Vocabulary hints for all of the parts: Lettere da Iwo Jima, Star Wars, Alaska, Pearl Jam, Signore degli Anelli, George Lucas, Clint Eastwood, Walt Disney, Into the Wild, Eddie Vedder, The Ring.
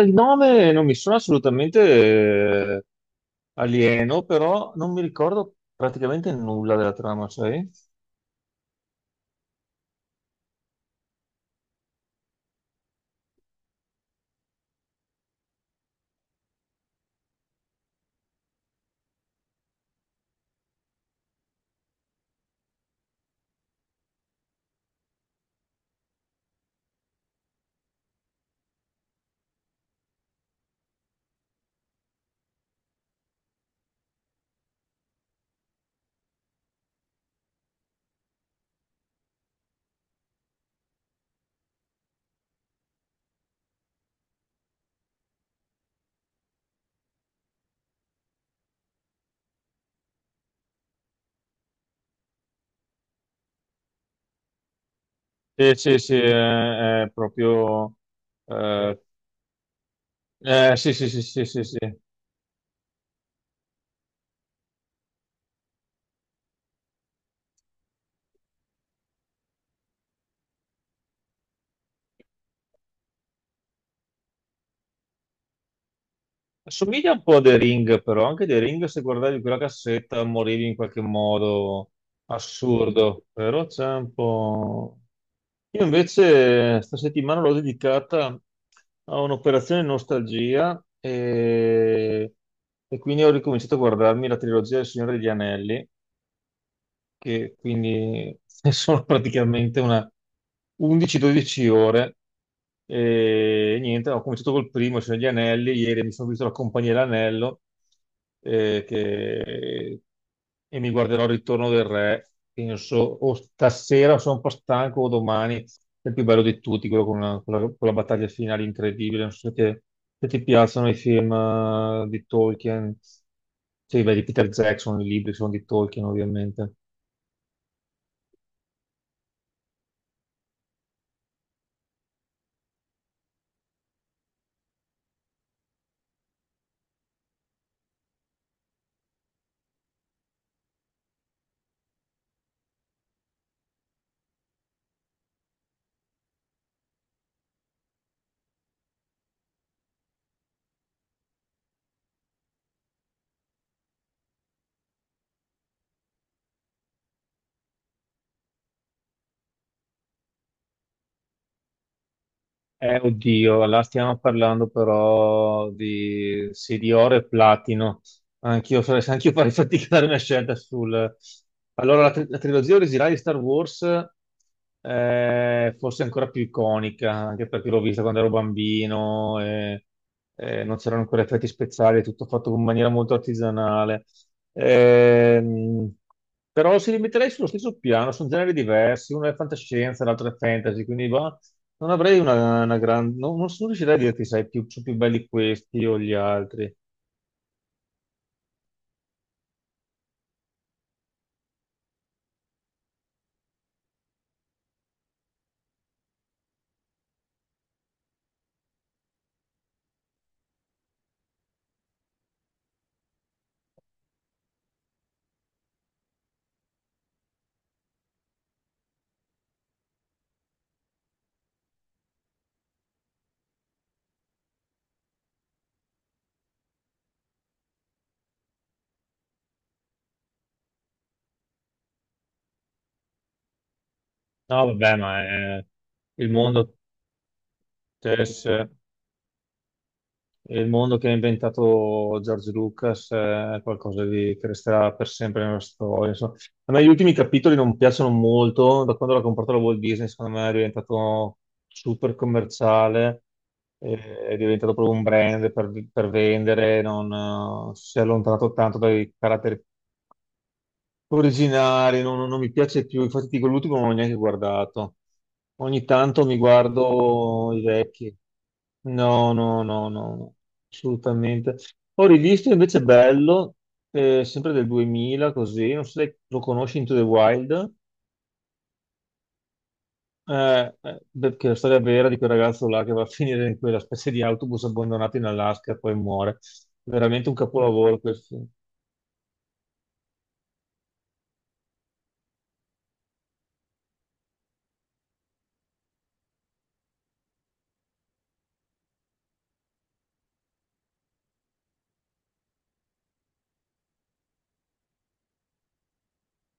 Il nome non mi sono assolutamente alieno, però non mi ricordo praticamente nulla della trama, sai? Sì, sì, sì, è proprio. eh, sì, sì, sì, sì, sì, sì. Assomiglia un po' a The Ring, però anche The Ring, se guardavi quella cassetta, morivi in qualche modo assurdo, però c'è un po'. Io invece sta settimana l'ho dedicata a un'operazione nostalgia e quindi ho ricominciato a guardarmi la trilogia del Signore degli Anelli, che quindi sono praticamente una 11-12 ore. E niente, ho cominciato col primo, cioè gli anelli, ieri mi sono visto la compagnia dell'anello eh, che- e mi guarderò il ritorno del re, penso, o stasera sono un po' stanco o domani. È il più bello di tutti, quello con con la battaglia finale incredibile. Non so se se ti piacciono i film di Tolkien, cioè beh, di Peter Jackson, i libri sono di Tolkien ovviamente. Oddio, là stiamo parlando però di, sì, di oro e platino. Anch'io farei anch'io farei fatica a dare una scelta sul. Allora, la trilogia originale di Star Wars è forse ancora più iconica, anche perché l'ho vista quando ero bambino, e non c'erano ancora effetti speciali, è tutto fatto in maniera molto artigianale. Ehm, Però si rimetterei sullo stesso piano, sono generi diversi, uno è fantascienza, l'altro è fantasy, quindi va, non avrei una, grande. Non sono riuscito a dirti, sai, più, sono più belli questi o gli altri. No, vabbè, ma è il mondo, Tess, è il mondo che ha inventato George Lucas, è qualcosa di, che resterà per sempre nella storia, insomma. A me gli ultimi capitoli non piacciono molto. Da quando l'ha comprato la Walt Disney, secondo me è diventato super commerciale. È diventato proprio un brand per, vendere, non, si è allontanato tanto dai caratteri Originale, Non mi piace più, infatti dico l'ultimo non l'ho neanche guardato. Ogni tanto mi guardo i vecchi. No, no, no, no, no, assolutamente. Ho rivisto invece Bello, sempre del 2000, così, non so se lo conosci, Into the Wild. Beh, che è la storia vera di quel ragazzo là che va a finire in quella specie di autobus abbandonato in Alaska e poi muore. Veramente un capolavoro quel film.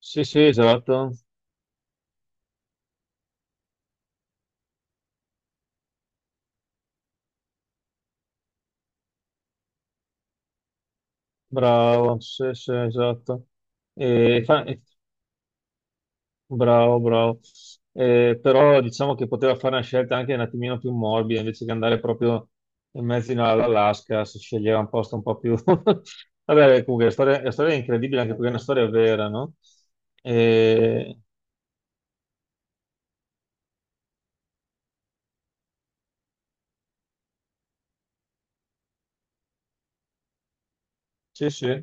Sì, sì, esatto. Bravo, sì, sì, esatto. E fa- e- Bravo, bravo. Però diciamo che poteva fare una scelta anche un attimino più morbida, invece che andare proprio in mezzo all'Alaska, si sceglieva un posto un po' più. Vabbè, comunque, la storia è incredibile anche perché è una storia vera, no? E- Sì, sì.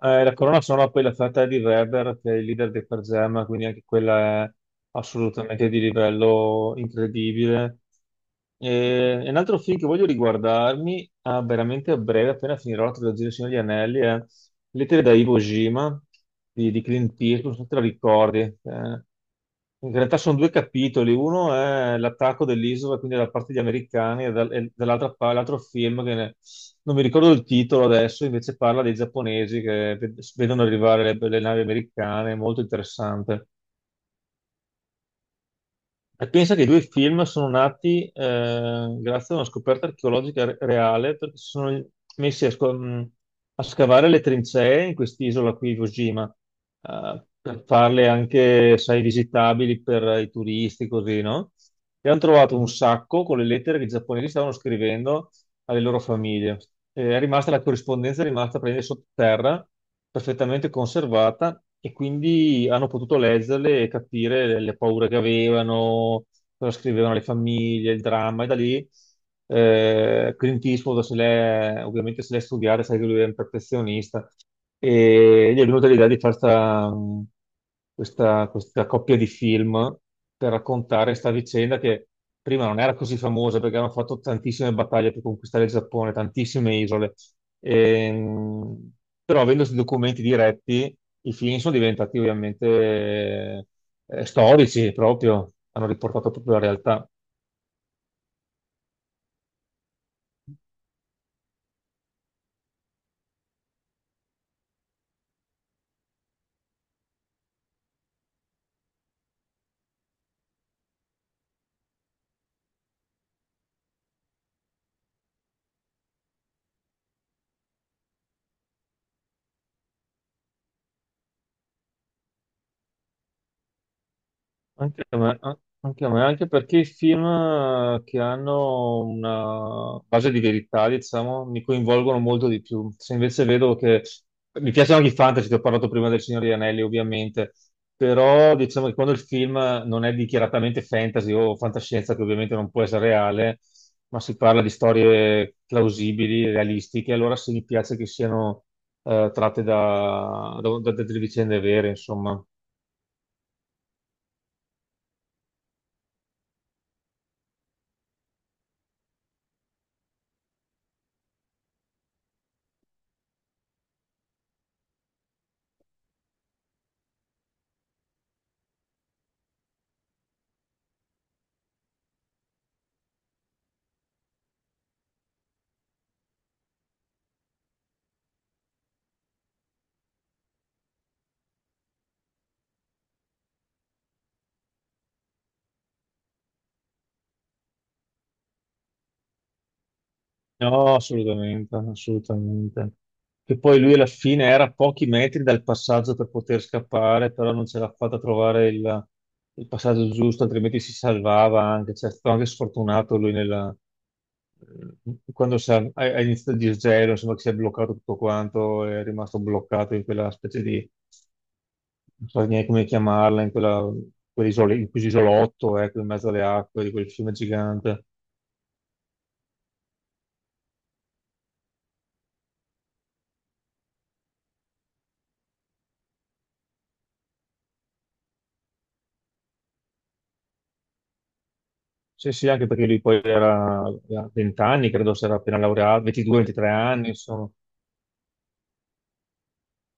La colonna sonora poi l'ha fatta Eddie Vedder, che è il leader dei Pearl Jam, quindi anche quella è assolutamente di livello incredibile. E un altro film che voglio riguardarmi a veramente a breve, appena finirò la trilogia del Signore degli Anelli, è Lettere da Iwo Jima di Clint Eastwood, non so se te la ricordi. In realtà sono due capitoli, uno è l'attacco dell'isola, quindi da parte degli americani, e dall'altra l'altro film non mi ricordo il titolo adesso, invece parla dei giapponesi che vedono arrivare le navi americane, è molto interessante. E pensa che i due film sono nati, grazie a una scoperta archeologica reale, perché si sono messi a, a scavare le trincee in quest'isola qui, Iwo Jima, per farle anche, sai, visitabili per i turisti, così, no? E hanno trovato un sacco con le lettere che i giapponesi stavano scrivendo alle loro famiglie. È rimasta la corrispondenza, è rimasta prendere sottoterra, perfettamente conservata, e quindi hanno potuto leggerle e capire le paure che avevano, cosa scrivevano le famiglie, il dramma, e da lì, Clint Eastwood se l'è, ovviamente se l'è studiata, sai che lui è un perfezionista, e gli è venuta l'idea di fare questa, coppia di film per raccontare questa vicenda che prima non era così famosa perché hanno fatto tantissime battaglie per conquistare il Giappone, tantissime isole. Ehm, Però avendo questi documenti diretti, i film sono diventati ovviamente, storici proprio, hanno riportato proprio la realtà. Anche a me, anche a me, anche perché i film che hanno una base di verità, diciamo, mi coinvolgono molto di più. Se invece vedo che mi piacciono anche i fantasy, ti ho parlato prima del Signore degli Anelli, ovviamente, però diciamo che quando il film non è dichiaratamente fantasy o fantascienza, che ovviamente non può essere reale, ma si parla di storie plausibili, realistiche, allora sì, mi piace che siano tratte da delle vicende vere, insomma. No, assolutamente, assolutamente. Che poi lui alla fine era a pochi metri dal passaggio per poter scappare, però non ce l'ha fatta a trovare il passaggio giusto, altrimenti si salvava anche. Cioè, è stato anche sfortunato lui eh, quando ha iniziato il disgelo, insomma, che si è bloccato tutto quanto, è rimasto bloccato in quella specie di, non so neanche come chiamarla, in quella, in quell'isolotto, ecco, in mezzo alle acque di quel fiume gigante. Sì, sì, anche perché lui poi era a 20 anni, credo si era appena laureato, 22-23 anni, insomma,